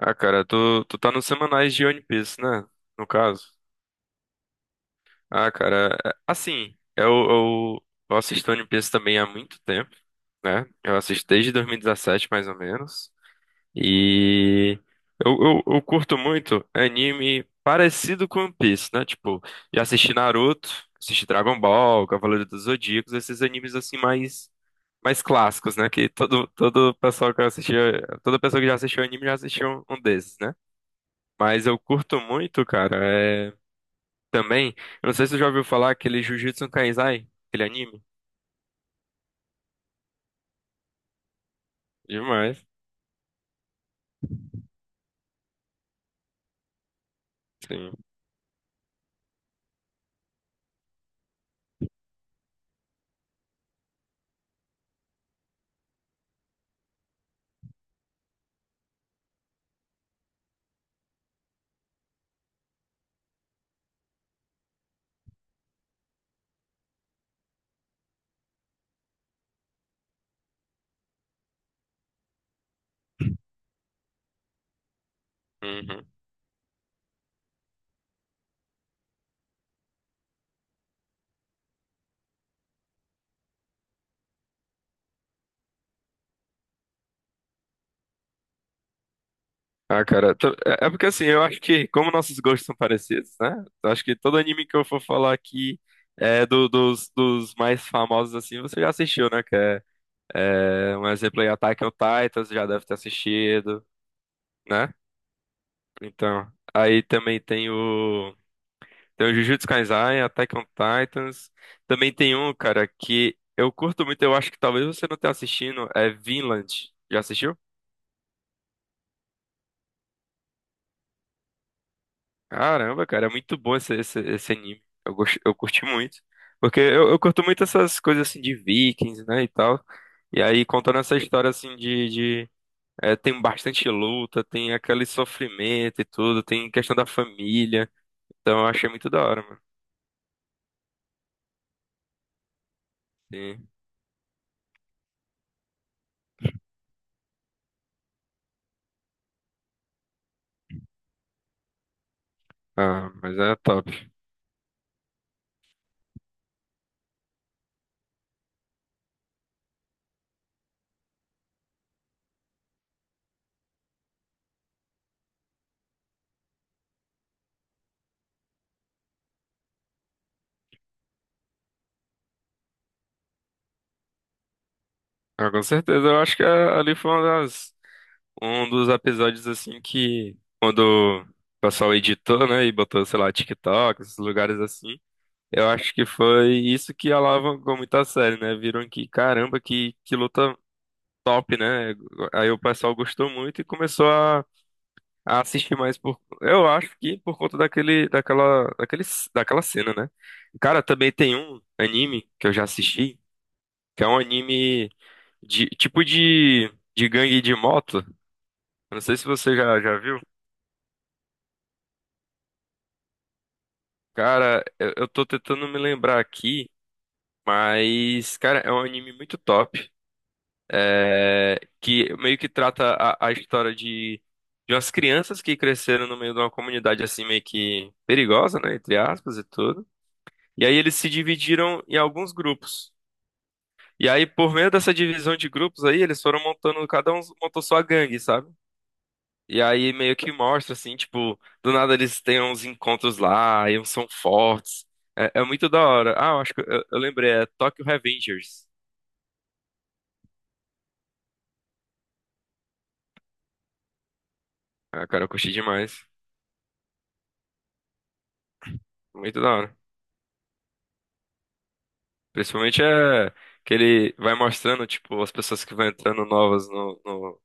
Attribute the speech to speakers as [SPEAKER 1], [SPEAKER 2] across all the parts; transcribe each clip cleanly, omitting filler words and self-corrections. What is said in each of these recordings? [SPEAKER 1] Ah, cara, tu tá nos semanais de One Piece, né? No caso. Ah, cara, assim, eu assisto One Piece também há muito tempo, né? Eu assisto desde 2017, mais ou menos. E eu curto muito anime parecido com One Piece, né? Tipo, já assisti Naruto, assisti Dragon Ball, Cavaleiro dos Zodíacos, esses animes assim mais clássicos, né? Que todo pessoal que assistiu, toda pessoa que já assistiu anime já assistiu um desses, né? Mas eu curto muito, cara. É... Também, eu não sei se você já ouviu falar aquele Jujutsu Kaisai, aquele anime. Demais, sim. Uhum. Ah, cara, é é porque assim, eu acho que, como nossos gostos são parecidos, né? Eu acho que todo anime que eu for falar aqui é dos mais famosos, assim, você já assistiu, né? É, um exemplo aí, Attack on Titan, você já deve ter assistido, né? Então, aí também tem o. Tem o Jujutsu Kaisen, Attack on Titans. Também tem um, cara, que eu curto muito, eu acho que talvez você não tenha assistindo, é Vinland. Já assistiu? Caramba, cara, é muito bom esse anime. Eu curti muito. Porque eu curto muito essas coisas assim de Vikings, né, e tal. E aí, contando essa história assim de é, tem bastante luta, tem aquele sofrimento e tudo, tem questão da família. Então eu achei muito da hora, mano. Sim. Ah, mas é top. Ah, com certeza, eu acho que ali foi uma das. Um dos episódios assim que quando o pessoal editou, né, e botou, sei lá, TikTok, esses lugares assim, eu acho que foi isso que alavancou muito a série, né? Viram que, caramba, que luta top, né? Aí o pessoal gostou muito e começou a assistir mais por, eu acho que por conta daquela cena, né? Cara, também tem um anime que eu já assisti, que é um anime de tipo de gangue de moto. Eu não sei se você já viu. Cara, eu tô tentando me lembrar aqui, mas, cara, é um anime muito top, é, que meio que trata a história de umas crianças que cresceram no meio de uma comunidade assim meio que perigosa, né, entre aspas e tudo. E aí eles se dividiram em alguns grupos. E aí, por meio dessa divisão de grupos aí, eles foram montando, cada um montou sua gangue, sabe? E aí meio que mostra, assim, tipo, do nada eles têm uns encontros lá, e uns são fortes. É, é muito da hora. Ah, eu acho que eu lembrei, é Tokyo Revengers. Ah, cara, eu curti demais. Muito da hora. Principalmente é que ele vai mostrando, tipo, as pessoas que vão entrando novas no no-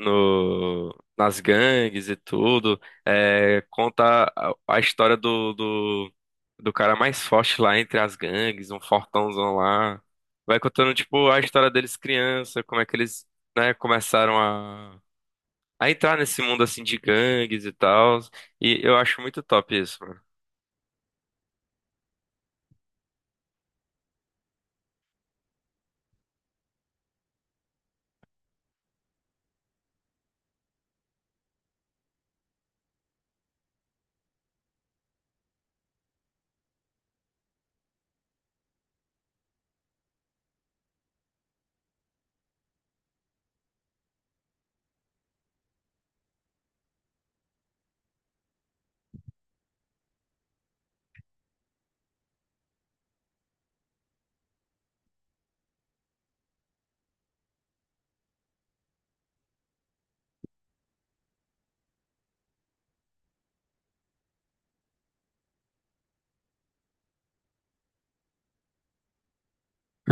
[SPEAKER 1] no, nas gangues e tudo. É, conta a história do cara mais forte lá entre as gangues, um fortãozão lá. Vai contando, tipo, a história deles criança, como é que eles, né, começaram a entrar nesse mundo, assim, de gangues e tal. E eu acho muito top isso, mano.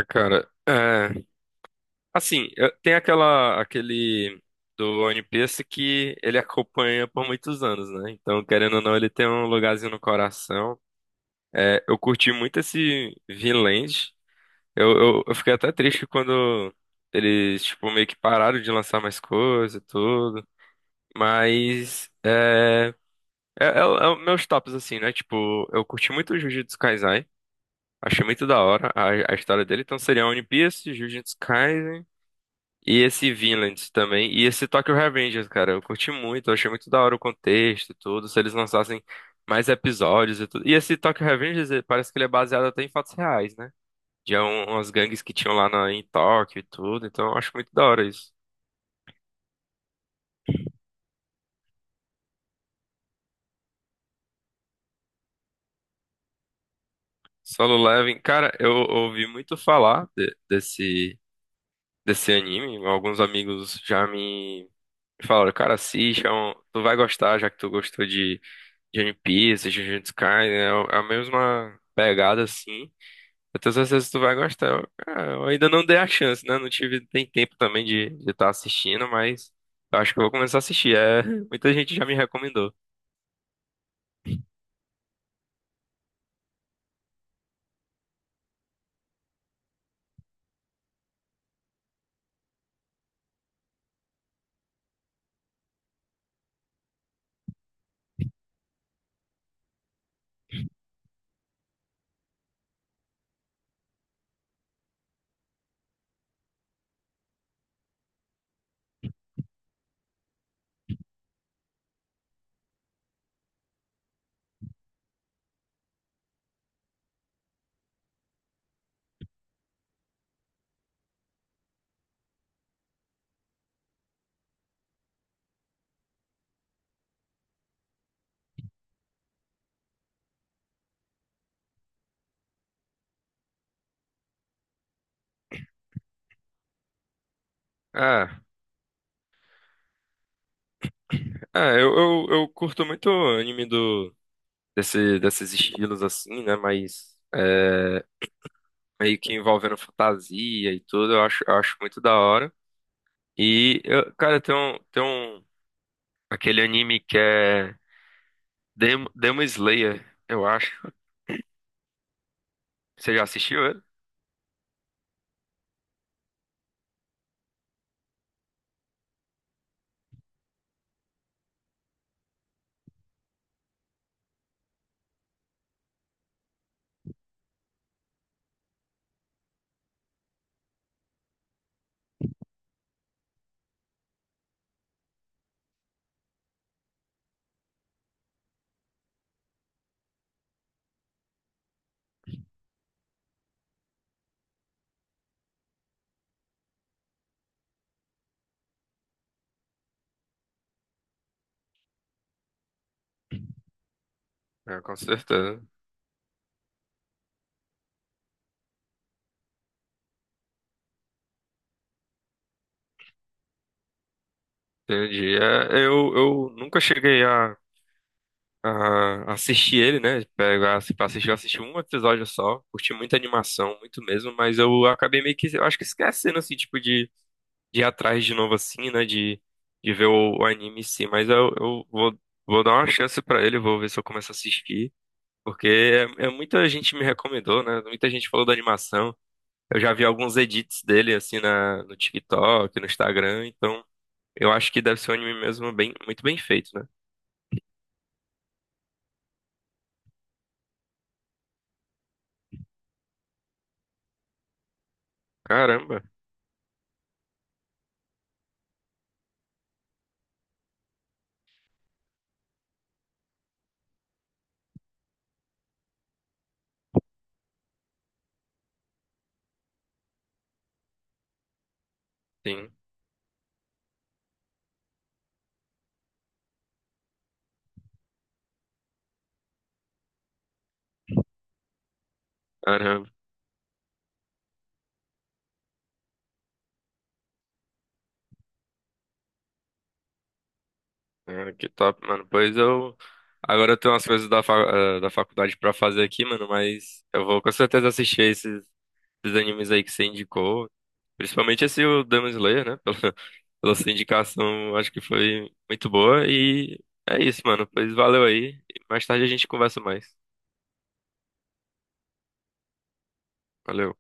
[SPEAKER 1] Cara, é. Assim, tem aquele do One Piece que ele acompanha por muitos anos, né? Então, querendo ou não, ele tem um lugarzinho no coração. É, eu curti muito esse Vinland. Eu fiquei até triste quando eles, tipo, meio que pararam de lançar mais coisa e tudo. Mas, é o meus tops, assim, né? Tipo, eu curti muito o Jujutsu Kaisen. Achei muito da hora a história dele. Então, seria One Piece, Jujutsu Kaisen. E esse Vinland também. E esse Tokyo Revengers, cara. Eu curti muito. Eu achei muito da hora o contexto e tudo. Se eles lançassem mais episódios e tudo. E esse Tokyo Revengers eh, parece que ele é baseado até em fatos reais, né? De umas gangues que tinham em Tóquio e tudo. Então eu acho muito da hora isso. Solo Leveling. Cara, eu ouvi muito falar desse anime. Alguns amigos já me falaram, cara, assiste. É tu vai gostar, já que tu gostou de. De One Piece, de Jujutsu Kaisen, é é a mesma pegada assim. Eu tenho certeza que tu vai gostar. Ah, eu ainda não dei a chance, né? Não tive tem tempo também de estar assistindo, mas eu acho que eu vou começar a assistir. É, muita gente já me recomendou. Ah, é, eu curto muito anime do desse, desses estilos assim, né? Mas é, meio que envolvendo fantasia e tudo, eu acho muito da hora. Cara, tem um aquele anime que é Demon Slayer, eu acho. Você já assistiu ele? É, com certeza. Entendi. É, eu nunca cheguei a assistir ele, né? Pegar assim, pra assistir, eu assisti um episódio só, curti muita animação, muito mesmo, mas eu acabei meio que, eu acho que esquecendo, assim, tipo, de ir atrás de novo, assim, né? De ver o anime em si, mas vou dar uma chance pra ele, vou ver se eu começo a assistir, porque é, é muita gente me recomendou, né? Muita gente falou da animação, eu já vi alguns edits dele, assim, na, no TikTok, no Instagram, então... Eu acho que deve ser um anime mesmo bem, muito bem feito, né? Caramba, sim, caramba. Ah, que top, mano. Pois eu. Agora eu tenho umas coisas da, fa... eh, da faculdade pra fazer aqui, mano, mas eu vou com certeza assistir esses animes aí que você indicou. Principalmente esse o Demon Slayer, né? Pela, pela sua indicação, acho que foi muito boa. E é isso, mano. Pois valeu aí. Mais tarde a gente conversa mais. Valeu.